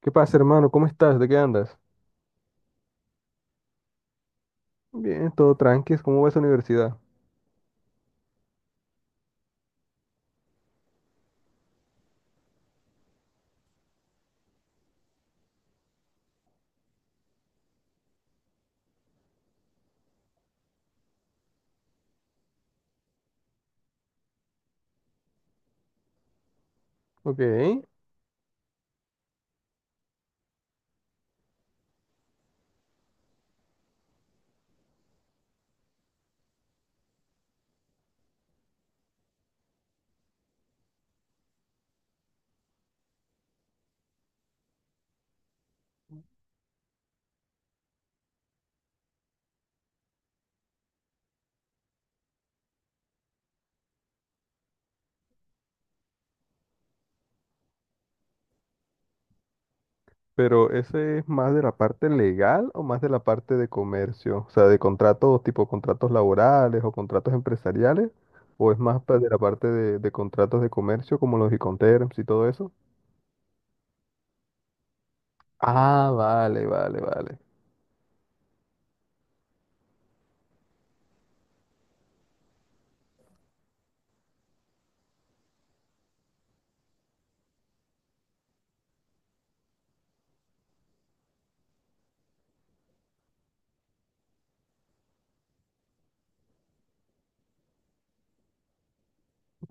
¿Qué pasa, hermano? ¿Cómo estás? ¿De qué andas? Bien, todo tranqui. ¿Cómo va esa universidad? Ok, pero ¿ese es más de la parte legal o más de la parte de comercio? O sea, ¿de contratos tipo contratos laborales o contratos empresariales, o es más de la parte de contratos de comercio como los Iconterms y todo eso? Ah, vale, vale, vale.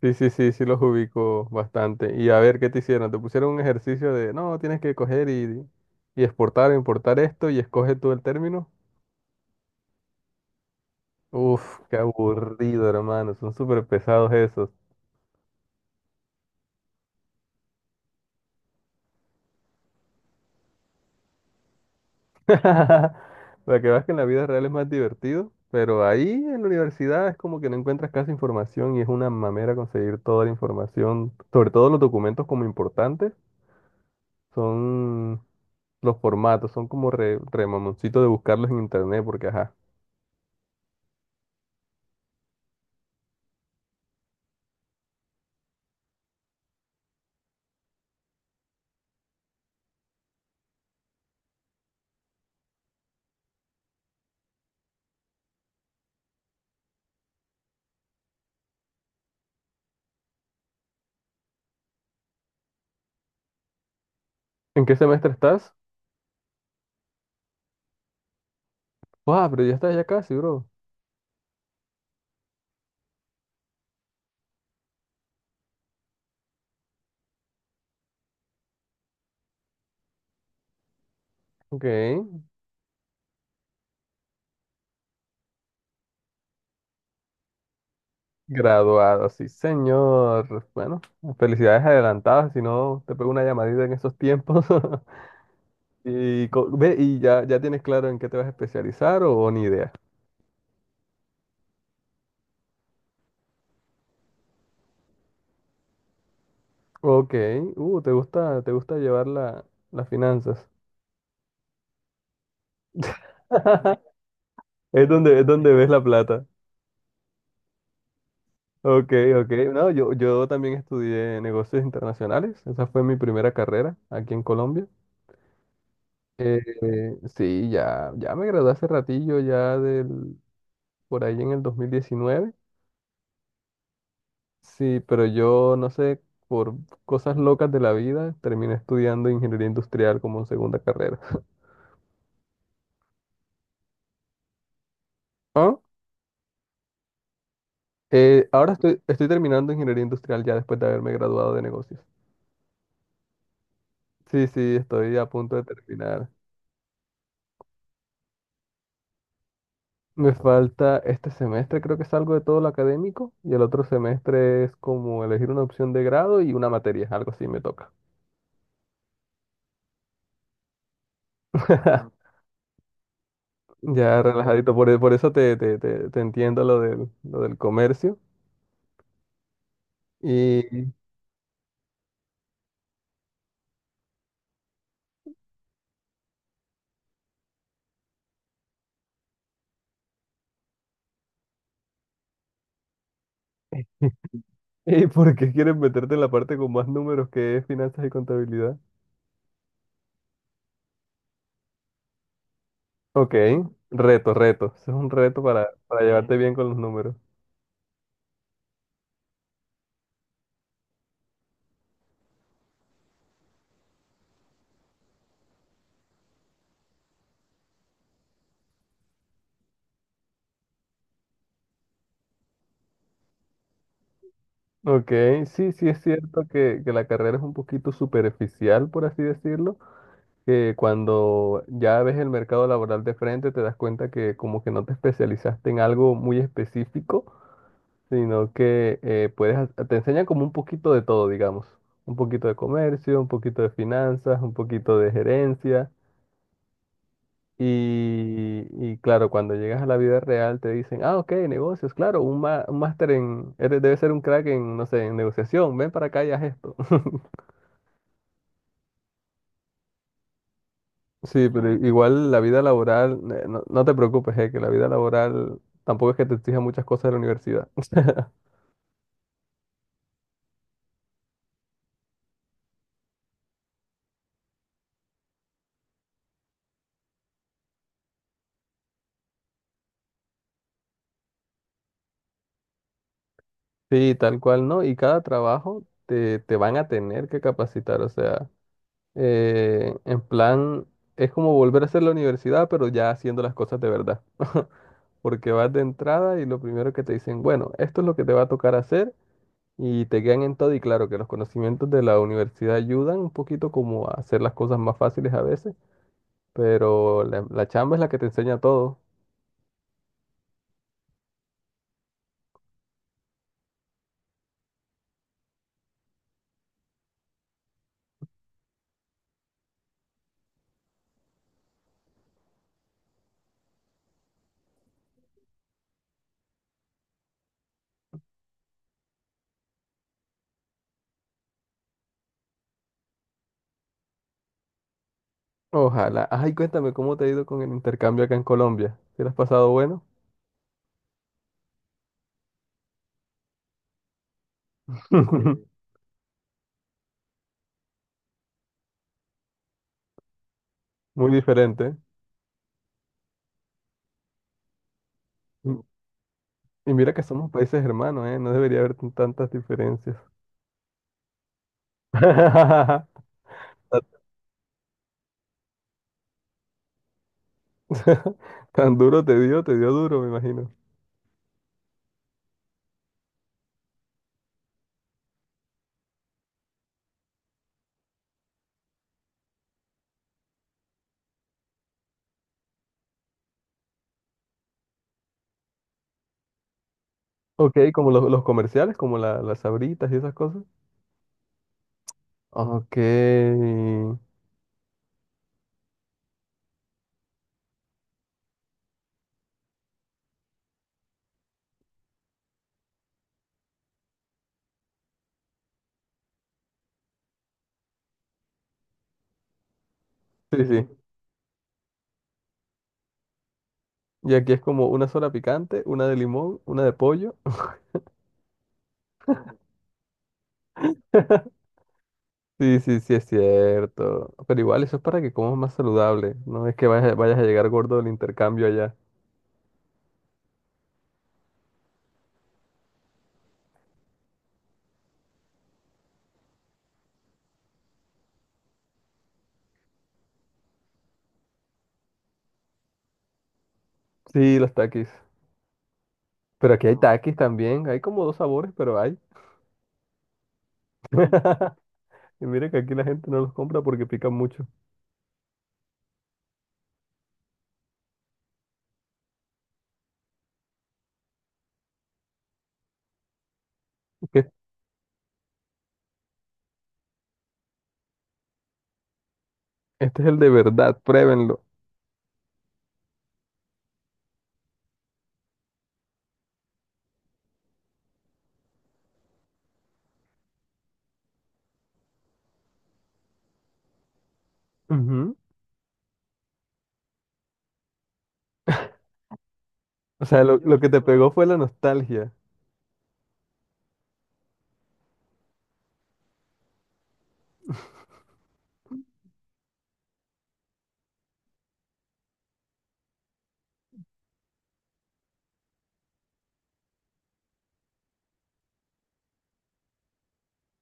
Sí, sí, sí, sí los ubico bastante. Y a ver, ¿qué te hicieron? Te pusieron un ejercicio de, no, tienes que coger y exportar, importar esto y escoge tú el término. Uf, qué aburrido, hermano. Son súper pesados esos. Para que veas que en la vida real es más divertido, pero ahí en la universidad es como que no encuentras casi información y es una mamera conseguir toda la información, sobre todo los documentos como importantes, son los formatos, son como re, remamoncito de buscarlos en internet, porque ajá. ¿En qué semestre estás? Wow, pero ya estás ya casi, bro. Ok. Graduado, sí, señor. Bueno, felicidades adelantadas, si no te pego una llamadita en esos tiempos. Y, ve, y ya, ya tienes claro en qué te vas a especializar o ni idea. Ok, te gusta llevar la, las finanzas. Es donde ves la plata. Ok, ok. No, yo también estudié negocios internacionales. Esa fue mi primera carrera aquí en Colombia. Sí, ya, ya me gradué hace ratillo, ya del, por ahí en el 2019. Sí, pero yo no sé, por cosas locas de la vida, terminé estudiando ingeniería industrial como segunda carrera. Ah, Ahora estoy, estoy terminando ingeniería industrial ya después de haberme graduado de negocios. Sí, sí, estoy a punto de terminar. Me falta este semestre, creo que es algo de todo lo académico, y el otro semestre es como elegir una opción de grado y una materia, algo así me toca. Ya relajadito, por, por eso te, te, te, te entiendo lo del comercio. Y ¿Y por qué quieres meterte en la parte con más números que es finanzas y contabilidad? Ok, reto, reto. Eso es un reto para llevarte bien con los números. Ok, sí, sí es cierto que la carrera es un poquito superficial, por así decirlo, que cuando ya ves el mercado laboral de frente te das cuenta que como que no te especializaste en algo muy específico, sino que puedes, te enseñan como un poquito de todo, digamos, un poquito de comercio, un poquito de finanzas, un poquito de gerencia. Y claro, cuando llegas a la vida real te dicen, ah, ok, negocios, claro, un, un máster en, debes ser un crack en, no sé, en negociación, ven para acá y haz esto. Sí, pero igual la vida laboral, no, no te preocupes, que la vida laboral tampoco es que te exija muchas cosas de la universidad. Sí, tal cual, ¿no? Y cada trabajo te, te van a tener que capacitar, o sea, en plan, es como volver a hacer la universidad, pero ya haciendo las cosas de verdad. Porque vas de entrada y lo primero que te dicen, bueno, esto es lo que te va a tocar hacer y te quedan en todo y claro que los conocimientos de la universidad ayudan un poquito como a hacer las cosas más fáciles a veces, pero la chamba es la que te enseña todo. Ojalá. Ay, cuéntame cómo te ha ido con el intercambio acá en Colombia. ¿Te lo has pasado bueno? Muy diferente, ¿eh? Mm, y mira que somos países hermanos, ¿eh? No debería haber tantas diferencias. Tan tan duro te dio duro, me imagino. Ok, como los comerciales, como las sabritas y esas cosas. Ok. Sí, sí. Y aquí es como una sola picante, una de limón, una de pollo. Sí, sí, sí, es cierto. Pero igual eso es para que comas más saludable. No es que vayas, vayas a llegar gordo del intercambio allá. Sí, los taquis. Pero aquí hay taquis también. Hay como dos sabores, pero hay. Y mire que aquí la gente no los compra porque pican mucho. Que este es el de verdad, pruébenlo. Ujú. O sea, lo que te pegó fue la nostalgia.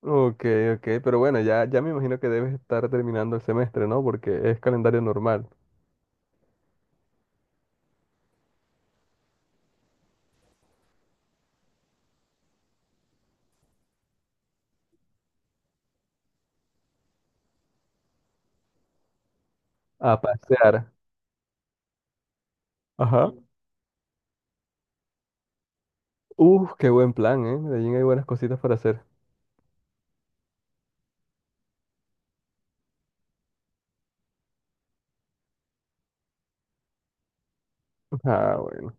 Ok, ok, pero bueno, ya, ya me imagino que debes estar terminando el semestre, ¿no? Porque es calendario normal. A pasear. Ajá. Uf, qué buen plan, ¿eh? Medellín hay buenas cositas para hacer. Ah, bueno.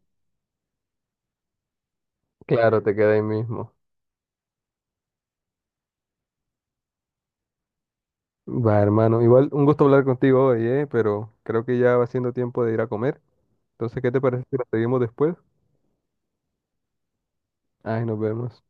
Claro, te queda ahí mismo. Va, hermano. Igual, un gusto hablar contigo hoy, ¿eh? Pero creo que ya va siendo tiempo de ir a comer. Entonces, ¿qué te parece si la seguimos después? Ay, nos vemos.